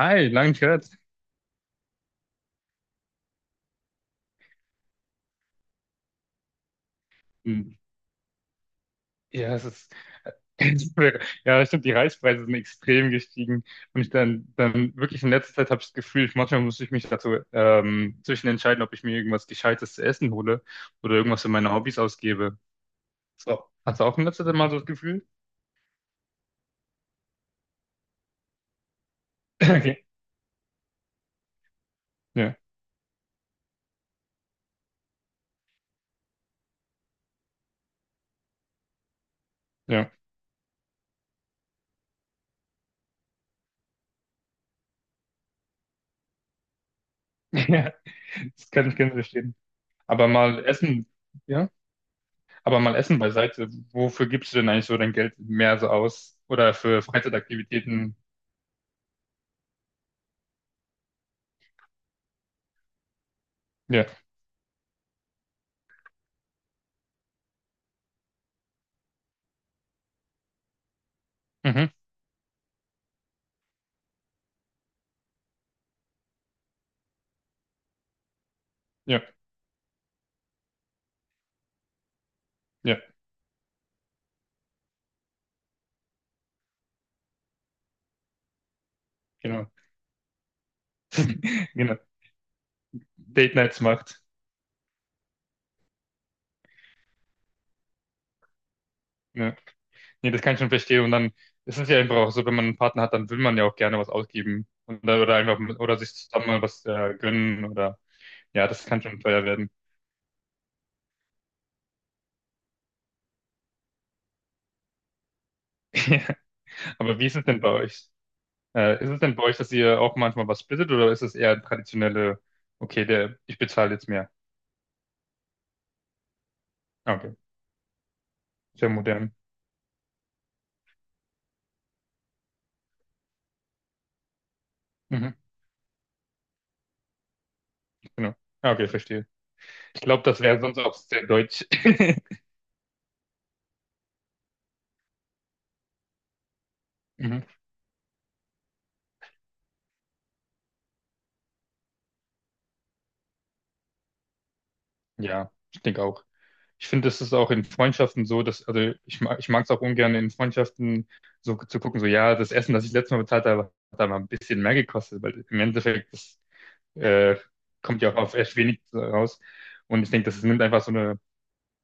Hi, lang nicht gehört. Hm. Ja, es ist. Ja, stimmt, die Reispreise sind extrem gestiegen. Und ich dann wirklich in letzter Zeit habe ich das Gefühl, ich, manchmal muss ich mich dazu zwischen entscheiden, ob ich mir irgendwas Gescheites zu essen hole oder irgendwas für meine Hobbys ausgebe. So. Hast du auch in letzter Zeit mal so das Gefühl? Okay. Ja, ja. Ja, das kann ich ganz verstehen. Aber mal Essen, ja, aber mal Essen beiseite. Wofür gibst du denn eigentlich so dein Geld mehr so aus? Oder für Freizeitaktivitäten? Ja. Mhm. Ja, ja, genau. Genau. Date Nights macht. Ja. Nee, das kann ich schon verstehen. Und dann ist es ja einfach auch so, wenn man einen Partner hat, dann will man ja auch gerne was ausgeben. Und oder einfach oder sich zusammen mal was gönnen oder ja, das kann schon teuer werden. Ja. Aber wie ist es denn bei euch? Ist es denn bei euch, dass ihr auch manchmal was splittet oder ist es eher traditionelle, okay, ich bezahle jetzt mehr? Ah, okay, sehr modern. Mhm, genau. Ah, okay, verstehe. Ich glaube, das wäre sonst auch sehr deutsch. Mhm. Ja, ich denke auch. Ich finde, das ist auch in Freundschaften so, dass, also ich mag es auch ungern in Freundschaften so zu gucken, so ja, das Essen, das ich letztes Mal bezahlt habe, hat da mal ein bisschen mehr gekostet, weil im Endeffekt, das äh, kommt ja auch auf echt wenig raus. Und ich denke, das nimmt einfach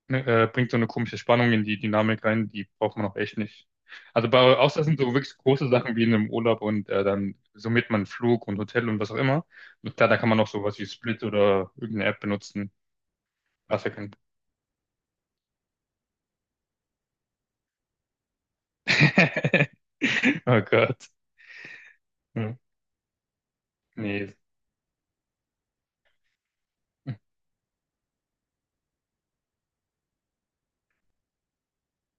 ne, bringt so eine komische Spannung in die Dynamik rein, die braucht man auch echt nicht. Also bei außer es sind so wirklich große Sachen wie in einem Urlaub und dann summiert man Flug und Hotel und was auch immer. Und klar, da kann man auch sowas wie Split oder irgendeine App benutzen. Was ja Oh Gott. Hm. Nee.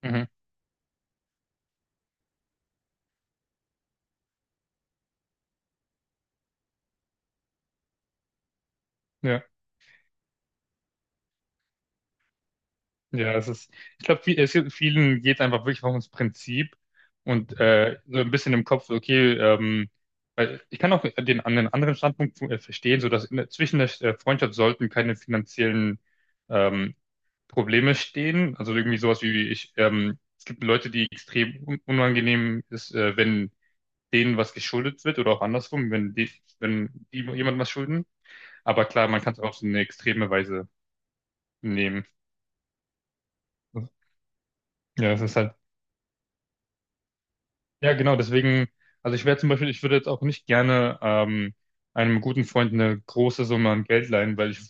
Mhm. Ja, ja, es ist, ich glaube, viel, es gibt, vielen geht einfach wirklich auch ums Prinzip und so ein bisschen im Kopf, so, okay, weil ich kann auch an den anderen Standpunkt verstehen, so dass zwischen der Freundschaft sollten keine finanziellen ähm, Probleme stehen. Also irgendwie sowas wie es gibt Leute, die extrem un unangenehm ist, wenn denen was geschuldet wird oder auch andersrum, wenn die jemand was schulden. Aber klar, man kann es auch auf so eine extreme Weise nehmen. Ja, es ist halt, ja, genau, deswegen, also ich wäre zum Beispiel, ich würde jetzt auch nicht gerne einem guten Freund eine große Summe an Geld leihen, weil ich,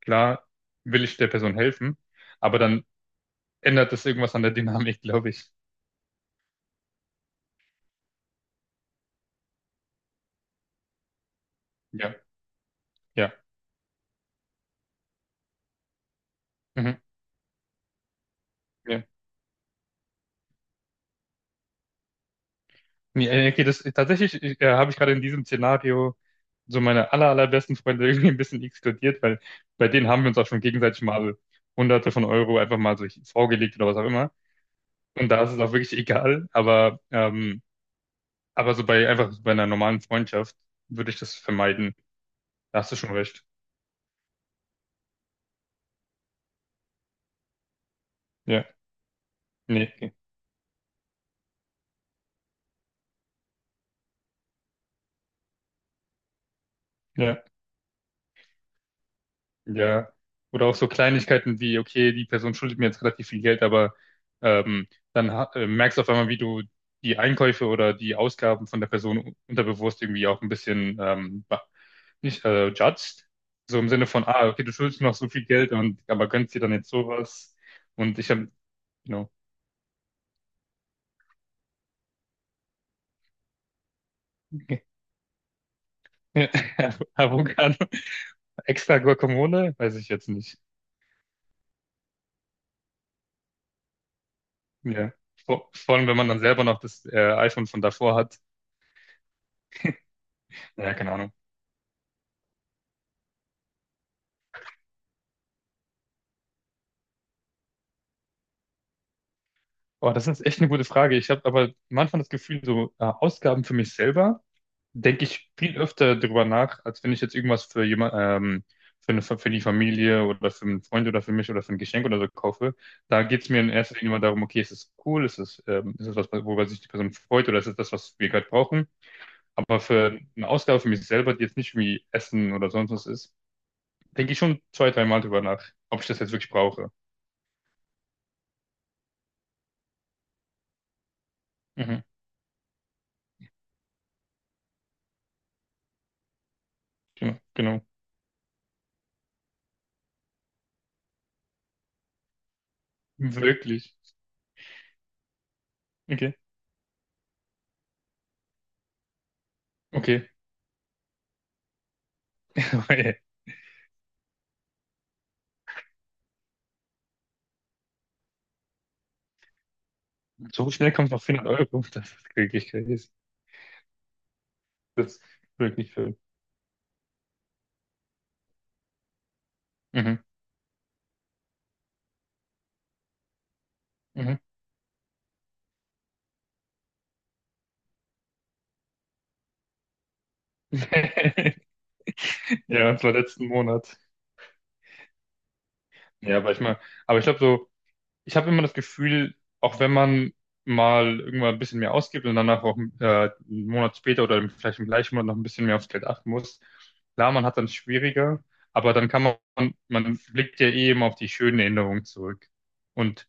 klar, will ich der Person helfen, aber dann ändert das irgendwas an der Dynamik, glaube ich. Ja, ja, mhm, ja. Nee, okay, tatsächlich habe ich gerade in diesem Szenario so meine allerbesten Freunde irgendwie ein bisschen exkludiert, weil bei denen haben wir uns auch schon gegenseitig mal Hunderte von Euro einfach mal so vorgelegt oder was auch immer. Und da ist es auch wirklich egal, aber, aber so bei einfach so bei einer normalen Freundschaft würde ich das vermeiden. Da hast du schon recht. Ja, nee, okay. Ja, ja. Oder auch so Kleinigkeiten wie, okay, die Person schuldet mir jetzt relativ viel Geld, aber ähm, dann merkst du auf einmal, wie du die Einkäufe oder die Ausgaben von der Person unterbewusst irgendwie auch ein bisschen nicht judged. So im Sinne von, ah, okay, du schuldest mir noch so viel Geld und aber gönnst dir dann jetzt sowas. Und ich habe, you know. Ja, Avocado, extra Guacamole, weiß ich jetzt nicht. Ja. Vor allem, wenn man dann selber noch das iPhone von davor hat. Ja, keine Ahnung. Oh, das ist echt eine gute Frage. Ich habe aber manchmal das Gefühl, so Ausgaben für mich selber, denke ich viel öfter drüber nach, als wenn ich jetzt irgendwas für die Familie oder für einen Freund oder für mich oder für ein Geschenk oder so kaufe. Da geht es mir in erster Linie immer darum, okay, ist es cool, ist es was, worüber sich die Person freut oder ist es das, was wir gerade brauchen? Aber für eine Ausgabe für mich selber, die jetzt nicht irgendwie Essen oder sonst was ist, denke ich schon zwei, dreimal drüber nach, ob ich das jetzt wirklich brauche. Mhm. Genau, genau. Wirklich. Okay. Okay. Aber, so schnell kommt noch 400 Euro. Das ist wirklich crazy. Das ist wirklich viel. Mhm. Mhm. Ja, das war letzten Monat. Ja, aber ich glaube so, ich habe immer das Gefühl, auch wenn man mal irgendwann ein bisschen mehr ausgibt und danach auch einen Monat später oder vielleicht im gleichen Monat noch ein bisschen mehr aufs Geld achten muss, klar, man hat dann schwieriger, aber dann kann man blickt ja eh immer auf die schönen Erinnerungen zurück. Und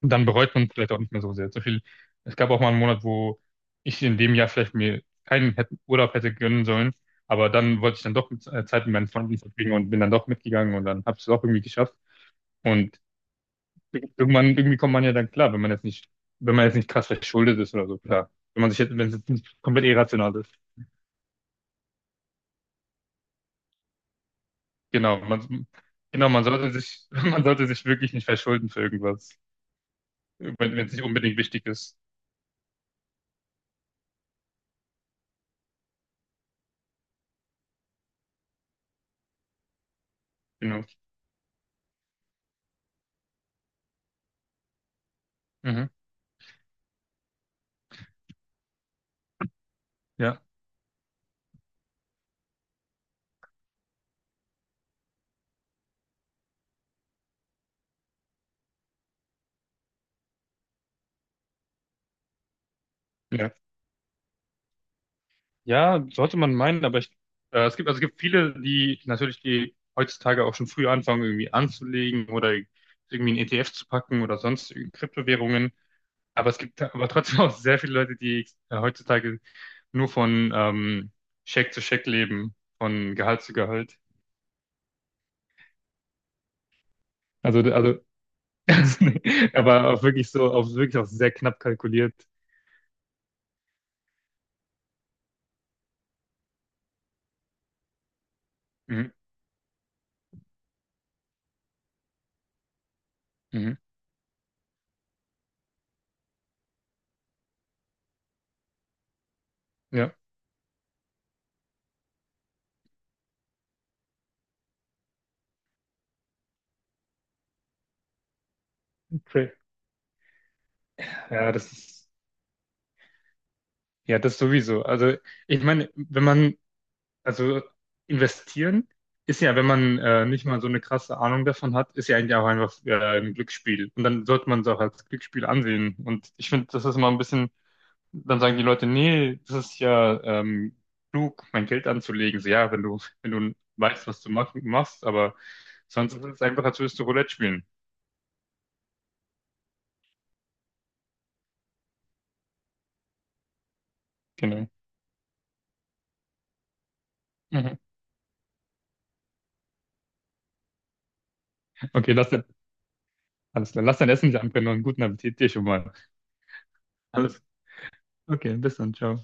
dann bereut man vielleicht auch nicht mehr so sehr. Zum Beispiel, es gab auch mal einen Monat, wo ich in dem Jahr vielleicht mir keinen hätte, Urlaub hätte gönnen sollen, aber dann wollte ich dann doch Zeit mit meinen Freunden verbringen und bin dann doch mitgegangen und dann habe ich es auch irgendwie geschafft. Und irgendwann, irgendwie kommt man ja dann klar, wenn man jetzt nicht, krass verschuldet ist oder so, klar. Wenn es jetzt nicht komplett irrational ist. Genau, man sollte sich, man sollte sich wirklich nicht verschulden für irgendwas, wenn es nicht unbedingt wichtig ist. Genau. Mhm. Ja, ja. Ja, sollte man meinen, also es gibt viele, die heutzutage auch schon früh anfangen, irgendwie anzulegen oder irgendwie ein ETF zu packen oder sonst Kryptowährungen. Aber es gibt aber trotzdem auch sehr viele Leute, die heutzutage nur von Scheck zu Scheck leben, von Gehalt zu Gehalt. Also, aber auch wirklich so, auch wirklich auch sehr knapp kalkuliert. Mhm. Mhm. Ja, okay. Ja, das ist, ja, das sowieso. Also, ich meine, wenn man, also investieren ist ja, wenn man nicht mal so eine krasse Ahnung davon hat, ist ja eigentlich auch einfach ein Glücksspiel. Und dann sollte man es auch als Glücksspiel ansehen. Und ich finde, das ist mal ein bisschen dann sagen die Leute, nee, das ist ja klug, mein Geld anzulegen. So, ja, wenn du weißt, was du machst, aber sonst ist es einfach, als würdest du Roulette spielen. Genau. Mhm. Okay, alles klar. Lass dein Essen anbrennen und guten Appetit dir schon mal. Alles. Okay, bis dann, ciao.